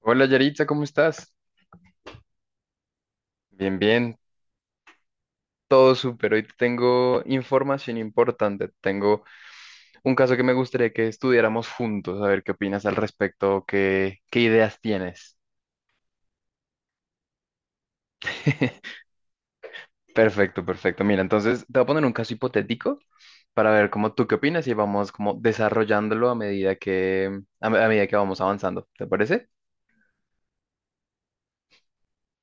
Hola Yarita, ¿cómo estás? Bien, bien, todo súper. Hoy te tengo información importante. Tengo un caso que me gustaría que estudiáramos juntos, a ver qué opinas al respecto, qué ideas tienes. Perfecto, perfecto. Mira, entonces te voy a poner un caso hipotético para ver cómo tú qué opinas y vamos como desarrollándolo a medida que, a medida que vamos avanzando. ¿Te parece?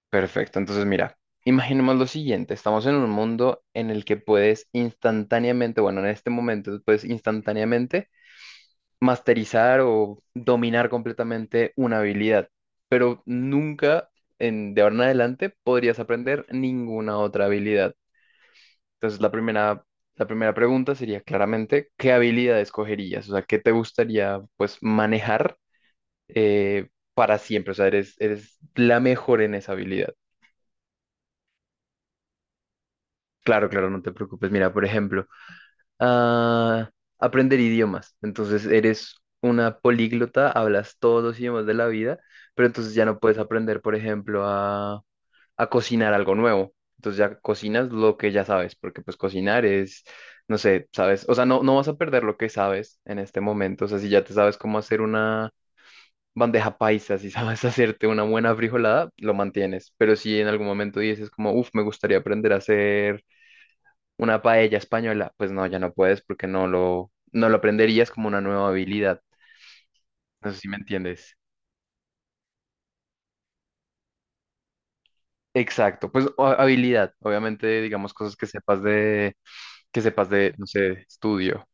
Perfecto, entonces mira, imaginemos lo siguiente, estamos en un mundo en el que puedes instantáneamente, bueno, en este momento puedes instantáneamente masterizar o dominar completamente una habilidad, pero nunca en, de ahora en adelante podrías aprender ninguna otra habilidad. Entonces, la primera pregunta sería claramente, ¿qué habilidad escogerías? O sea, ¿qué te gustaría pues manejar para siempre? O sea, eres la mejor en esa habilidad. Claro, claro, no te preocupes. Mira, por ejemplo, a aprender idiomas. Entonces eres una políglota, hablas todos los idiomas de la vida, pero entonces ya no puedes aprender, por ejemplo, a cocinar algo nuevo. Entonces ya cocinas lo que ya sabes, porque pues cocinar es, no sé, sabes, o sea, no vas a perder lo que sabes en este momento. O sea, si ya te sabes cómo hacer una bandeja paisa, si sabes hacerte una buena frijolada, lo mantienes. Pero si en algún momento dices como, uff, me gustaría aprender a hacer una paella española, pues no, ya no puedes porque no lo aprenderías como una nueva habilidad. No sé si me entiendes. Exacto, pues habilidad, obviamente, digamos cosas que sepas de, no sé, estudio.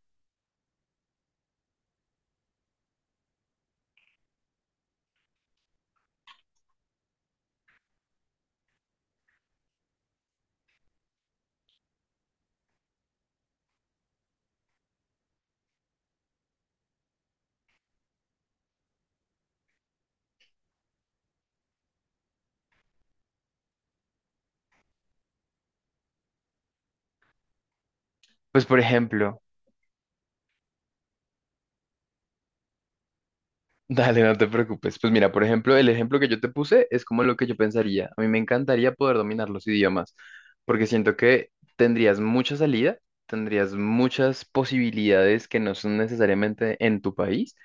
Pues por ejemplo, dale, no te preocupes. Pues mira, por ejemplo, el ejemplo que yo te puse es como lo que yo pensaría. A mí me encantaría poder dominar los idiomas, porque siento que tendrías mucha salida, tendrías muchas posibilidades que no son necesariamente en tu país.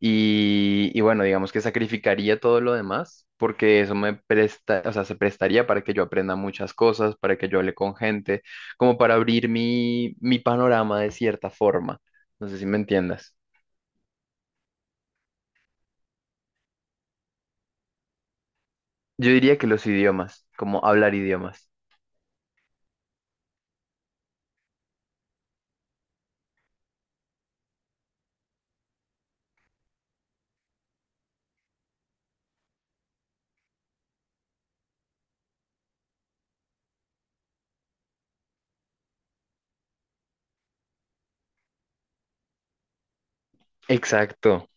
Y bueno, digamos que sacrificaría todo lo demás, porque eso me presta, o sea, se prestaría para que yo aprenda muchas cosas, para que yo hable con gente, como para abrir mi panorama de cierta forma. No sé si me entiendas. Yo diría que los idiomas, como hablar idiomas. Exacto.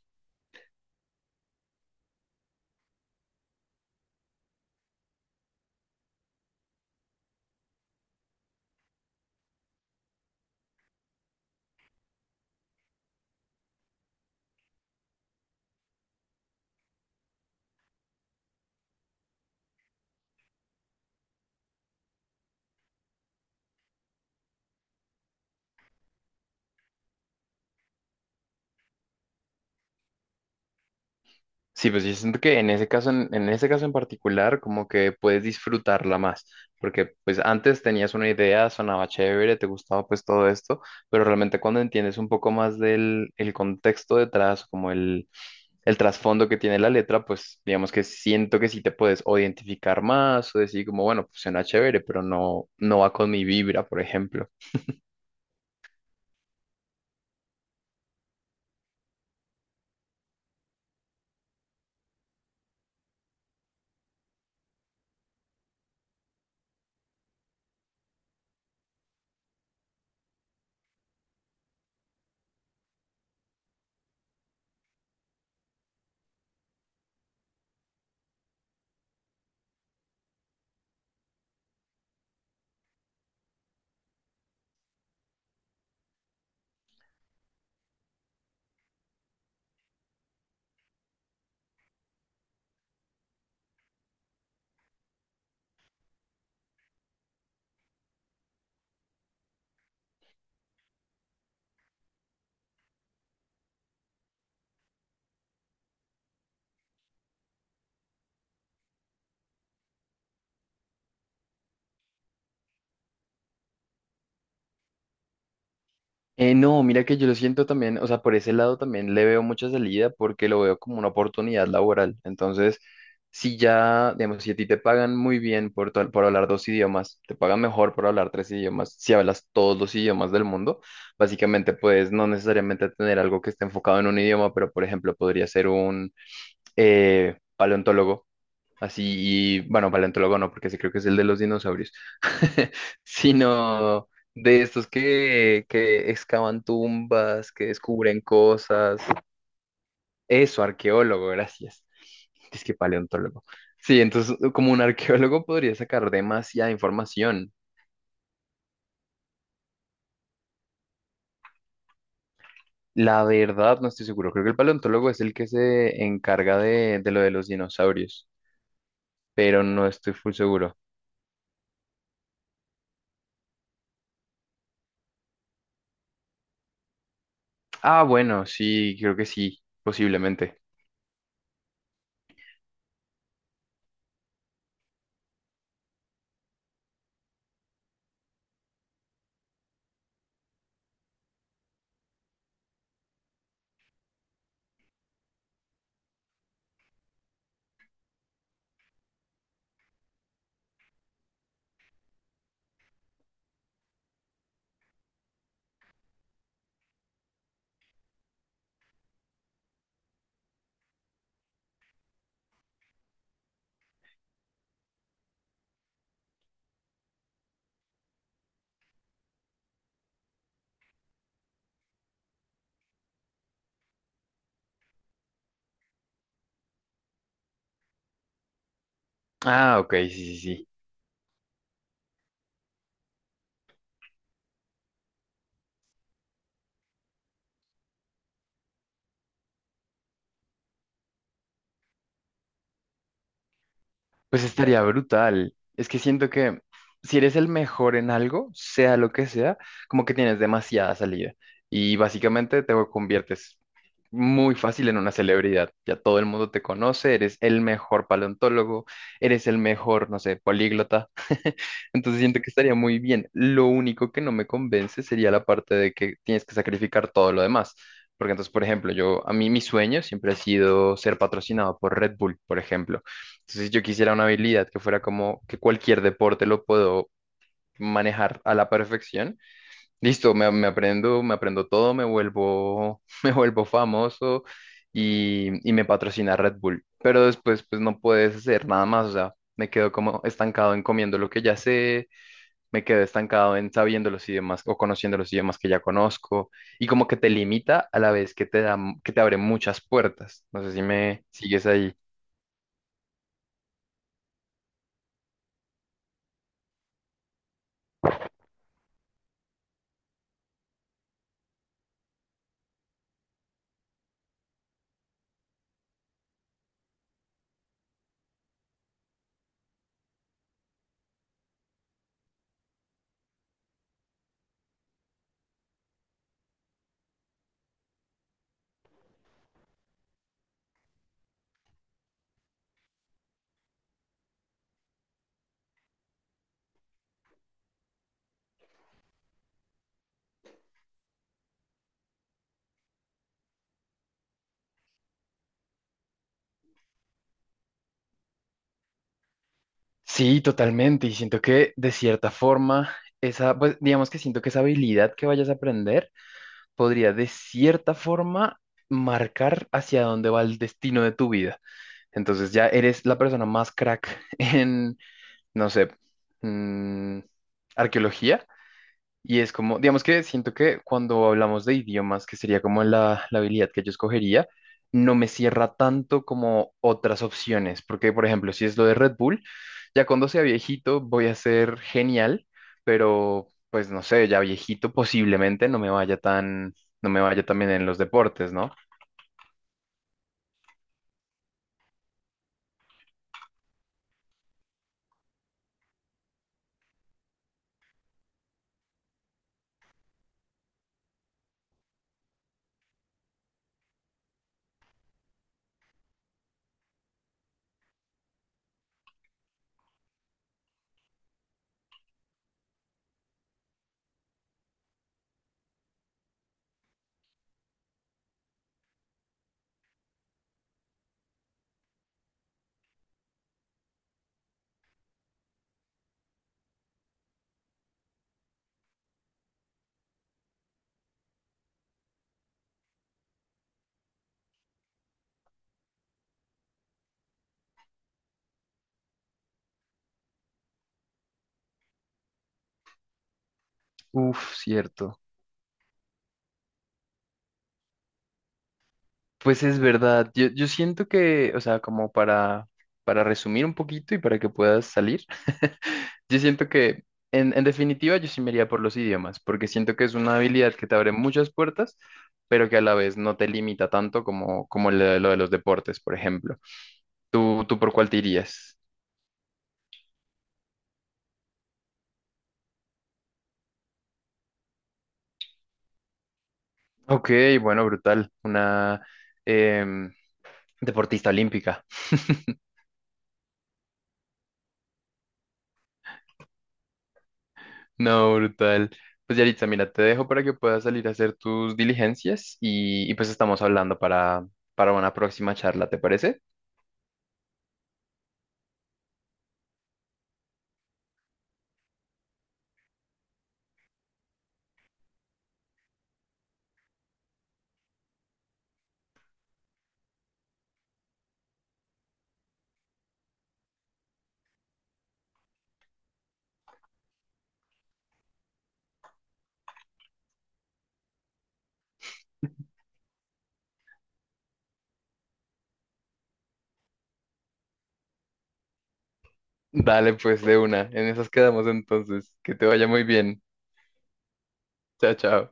Sí, pues yo siento que en ese caso, en ese caso en particular, como que puedes disfrutarla más, porque pues antes tenías una idea, sonaba chévere, te gustaba pues todo esto, pero realmente cuando entiendes un poco más del el contexto detrás, como el trasfondo que tiene la letra, pues digamos que siento que sí te puedes o identificar más o decir como, bueno, pues suena chévere, pero no, no va con mi vibra, por ejemplo. No, mira que yo lo siento también, o sea, por ese lado también le veo mucha salida porque lo veo como una oportunidad laboral. Entonces, si ya, digamos, si a ti te pagan muy bien por, por hablar dos idiomas, te pagan mejor por hablar tres idiomas, si hablas todos los idiomas del mundo, básicamente puedes no necesariamente tener algo que esté enfocado en un idioma, pero por ejemplo podría ser un paleontólogo así, y bueno, paleontólogo no, porque ese creo que es el de los dinosaurios, sino de estos que excavan tumbas, que descubren cosas. Eso, arqueólogo, gracias. Es que paleontólogo. Sí, entonces como un arqueólogo podría sacar demasiada información. La verdad, no estoy seguro. Creo que el paleontólogo es el que se encarga de lo de los dinosaurios, pero no estoy full seguro. Ah, bueno, sí, creo que sí, posiblemente. Ah, ok, sí, sí, sí. Pues estaría brutal. Es que siento que si eres el mejor en algo, sea lo que sea, como que tienes demasiada salida. Y básicamente te conviertes muy fácil en una celebridad. Ya todo el mundo te conoce, eres el mejor paleontólogo, eres el mejor, no sé, políglota. Entonces siento que estaría muy bien. Lo único que no me convence sería la parte de que tienes que sacrificar todo lo demás. Porque entonces, por ejemplo, yo, a mí mi sueño siempre ha sido ser patrocinado por Red Bull, por ejemplo. Entonces, yo quisiera una habilidad que fuera como que cualquier deporte lo puedo manejar a la perfección. Listo, me aprendo todo, me vuelvo, me vuelvo famoso y me patrocina Red Bull. Pero después, pues no puedes hacer nada más. O sea, me quedo como estancado en comiendo lo que ya sé, me quedo estancado en sabiendo los idiomas o conociendo los idiomas que ya conozco. Y como que te limita a la vez que te da, que te abre muchas puertas. No sé si me sigues ahí. Sí, totalmente. Y siento que de cierta forma, esa, pues digamos que siento que esa habilidad que vayas a aprender podría de cierta forma marcar hacia dónde va el destino de tu vida. Entonces ya eres la persona más crack en, no sé, mm, arqueología y es como, digamos que siento que cuando hablamos de idiomas, que sería como la habilidad que yo escogería, no me cierra tanto como otras opciones, porque por ejemplo, si es lo de Red Bull, ya cuando sea viejito voy a ser genial, pero pues no sé, ya viejito posiblemente no me vaya tan, no me vaya tan bien en los deportes, ¿no? Uf, cierto. Pues es verdad, yo siento que, o sea, como para resumir un poquito y para que puedas salir. Yo siento que, en definitiva, yo sí me iría por los idiomas, porque siento que es una habilidad que te abre muchas puertas, pero que a la vez no te limita tanto como, como lo de los deportes, por ejemplo. Tú por cuál te irías? Ok, bueno, brutal. Una em, deportista olímpica. No, brutal. Pues Yaritza, mira, te dejo para que puedas salir a hacer tus diligencias y pues estamos hablando para una próxima charla, ¿te parece? Dale, pues de una. En esas quedamos entonces. Que te vaya muy bien. Chao, chao.